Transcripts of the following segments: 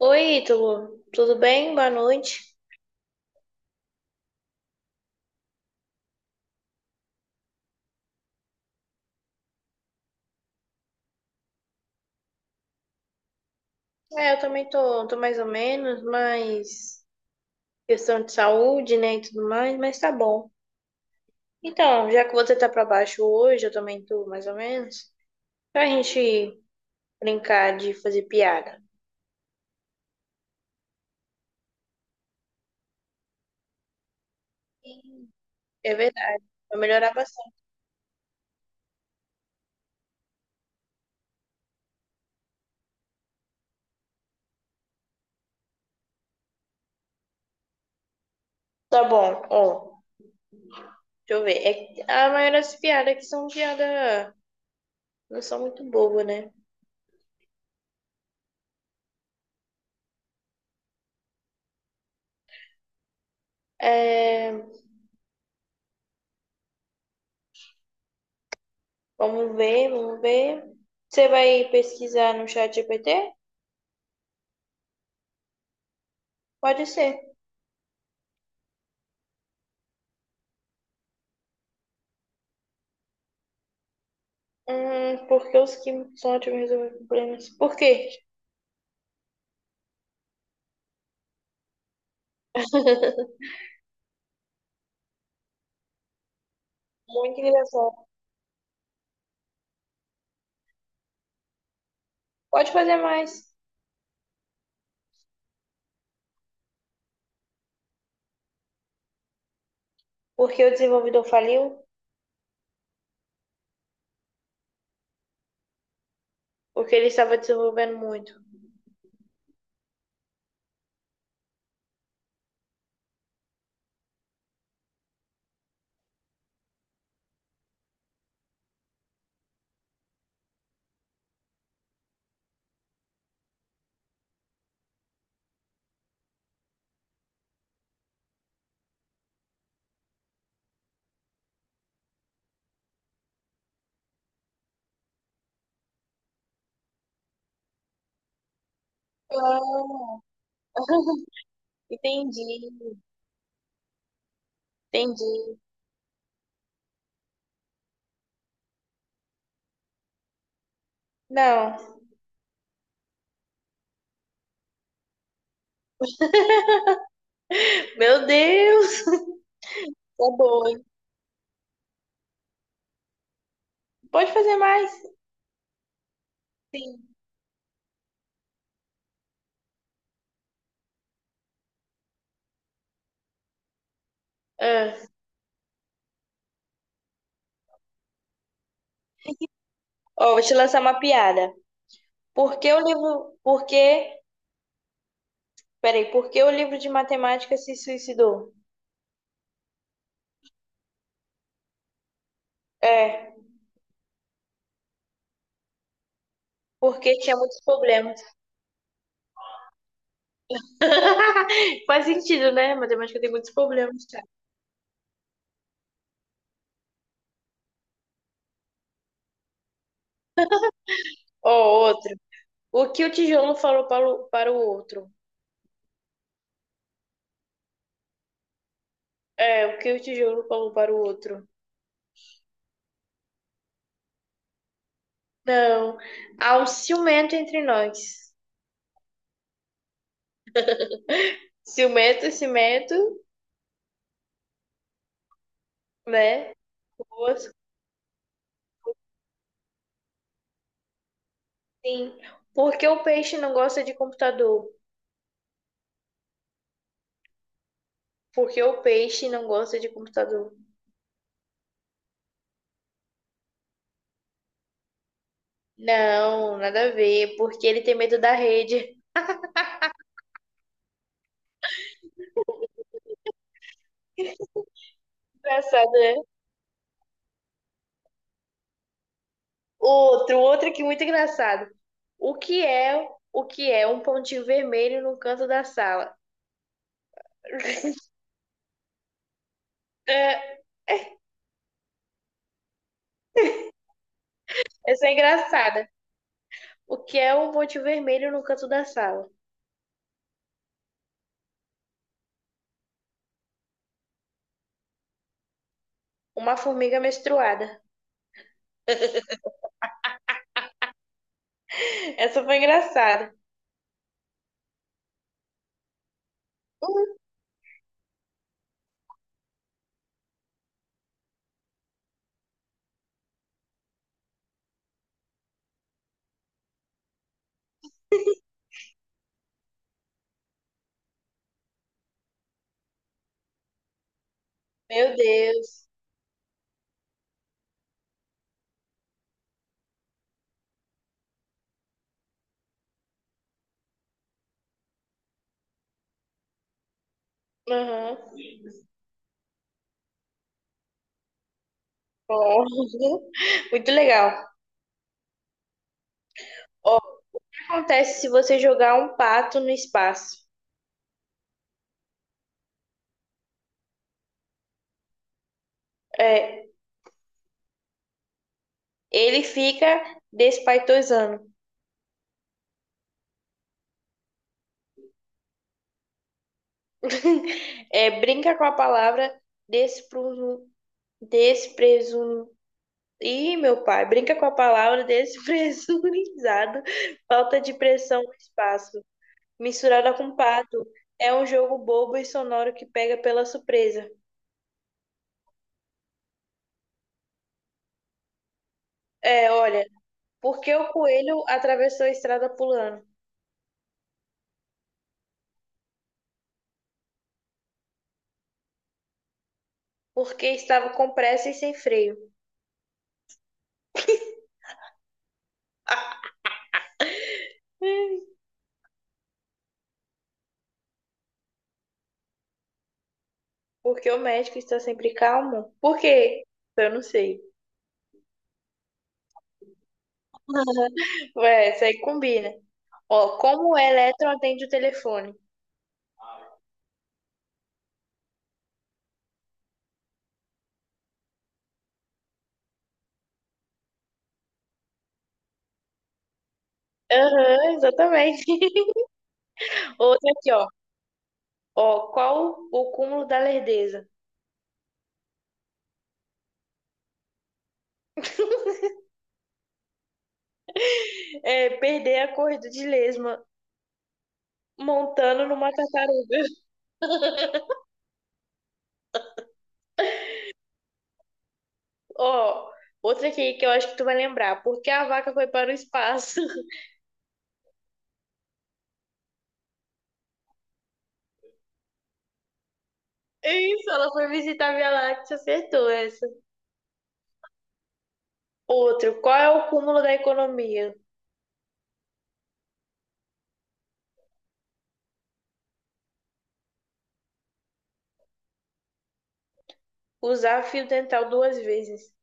Oi, Ítalo, tudo bem? Boa noite. Eu também tô, mais ou menos, mas questão de saúde, né, e tudo mais, mas tá bom. Então, já que você tá pra baixo hoje, eu também tô mais ou menos, pra gente brincar de fazer piada. É verdade, vai melhorar bastante. Tá bom, ó, deixa eu ver. É que a maioria das piadas aqui são piadas, não são muito boas, né? É, vamos ver, vamos ver. Você vai pesquisar no chat GPT? Pode ser. Porque os que são ótimos em resolver problemas. Por quê? Muito engraçado. Pode fazer mais. Porque o desenvolvedor faliu? Porque ele estava desenvolvendo muito. Ah, entendi. Entendi. Não. Meu Deus! Tá bom, hein? Pode fazer mais? Sim. Ah, ó, vou te lançar uma piada. Por que o livro. Por que. Peraí, por que o livro de matemática se suicidou? É, porque tinha muitos problemas. Faz sentido, né? Matemática tem muitos problemas, cara. Ó, outro. O que o tijolo falou para o outro? É, o que o tijolo falou para o outro? Não. Há um ciumento entre nós. Ciumento, cimento, né? O outro. Sim. Por que o peixe não gosta de computador? Por que o peixe não gosta de computador? Não, nada a ver. Porque ele tem medo da rede. Engraçado, né? Outro aqui muito engraçado. O que é um pontinho vermelho no canto da sala? É, essa é engraçada. O que é um pontinho vermelho no canto da sala? Uma formiga menstruada. Essa foi engraçada. Hum. Meu Deus. Aham. Bom. Muito legal. O que acontece se você jogar um pato no espaço? É, ele fica despaitosando. É, brinca com a palavra despru- Despresun... ih, meu pai, brinca com a palavra despresurizado. Falta de pressão no espaço. Misturada com pato. É um jogo bobo e sonoro que pega pela surpresa. É, olha, porque o coelho atravessou a estrada pulando? Porque estava com pressa e sem freio. Hum. Porque o médico está sempre calmo? Por quê? Eu não sei. Ué, isso aí combina. Ó, como o elétron atende o telefone? Aham, exatamente. Outra aqui, ó. Ó, qual o cúmulo da lerdeza? É perder a corrida de lesma montando numa tartaruga. Ó, outra aqui que eu acho que tu vai lembrar. Por que a vaca foi para o espaço? Isso, ela foi visitar a Via Láctea, acertou essa. Outro, qual é o cúmulo da economia? Usar fio dental duas vezes.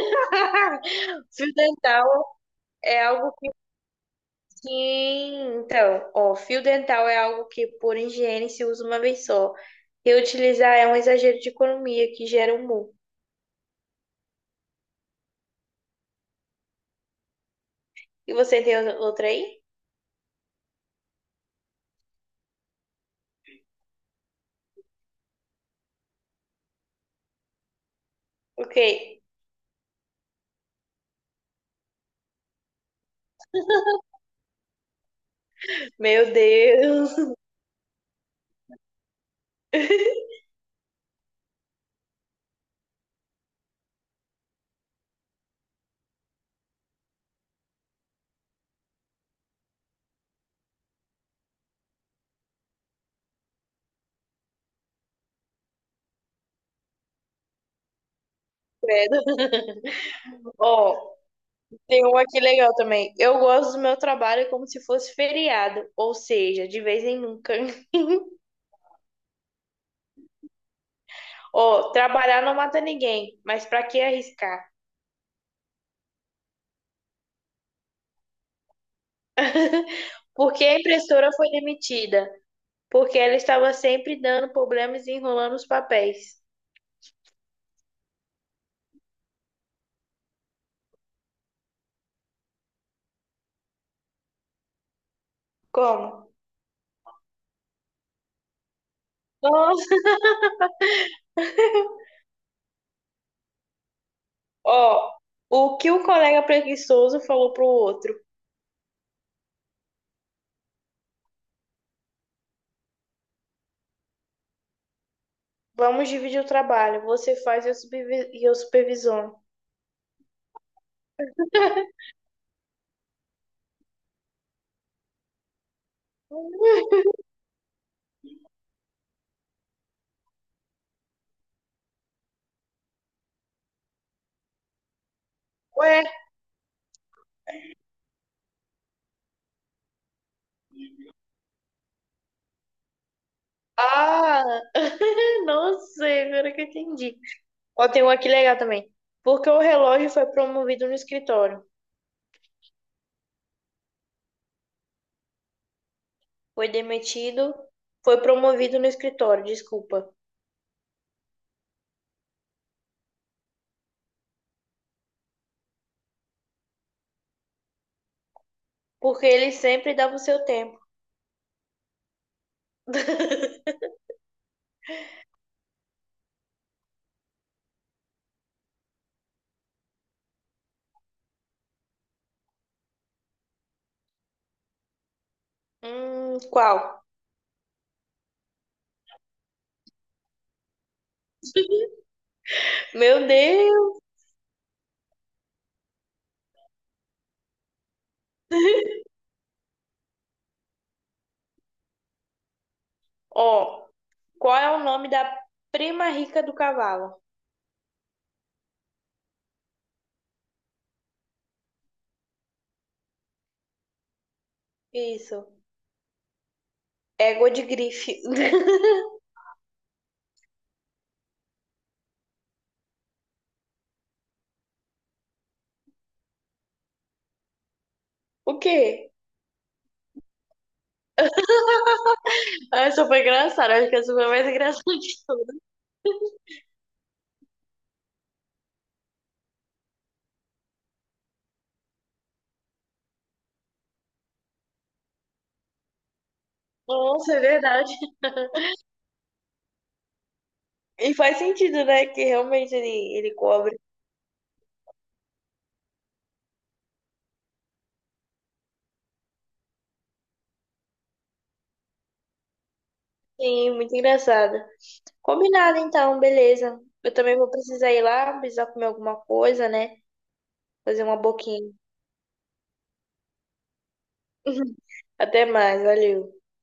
Fio dental é algo que. Então, ó, fio dental é algo que, por higiene, se usa uma vez só. Reutilizar é um exagero de economia que gera um mu. E você tem outra aí? Ok. Meu Deus, credo. Ó, tem uma aqui legal também. Eu gosto do meu trabalho como se fosse feriado, ou seja, de vez em nunca. Ó, trabalhar não mata ninguém, mas pra que arriscar? Porque a impressora foi demitida? Porque ela estava sempre dando problemas e enrolando os papéis. Como? Nossa. Ó, o que o colega preguiçoso falou pro outro? Vamos dividir o trabalho, você faz e eu supervisiono. Ué, ah, nossa, agora que eu entendi. Ó, tem um aqui legal também. Porque o relógio foi promovido no escritório. Foi demitido, foi promovido no escritório, desculpa. Porque ele sempre dava o seu tempo. Qual? Meu Deus! Ó, qual é o nome da prima rica do cavalo? Isso, égua de grife. O quê? Ah, essa foi engraçada, acho que essa foi mais engraçada. Nossa, é verdade. E faz sentido, né? Que realmente ele cobre. Sim, muito engraçado. Combinado, então, beleza. Eu também vou precisar ir lá, precisar comer alguma coisa, né? Fazer uma boquinha. Até mais, valeu.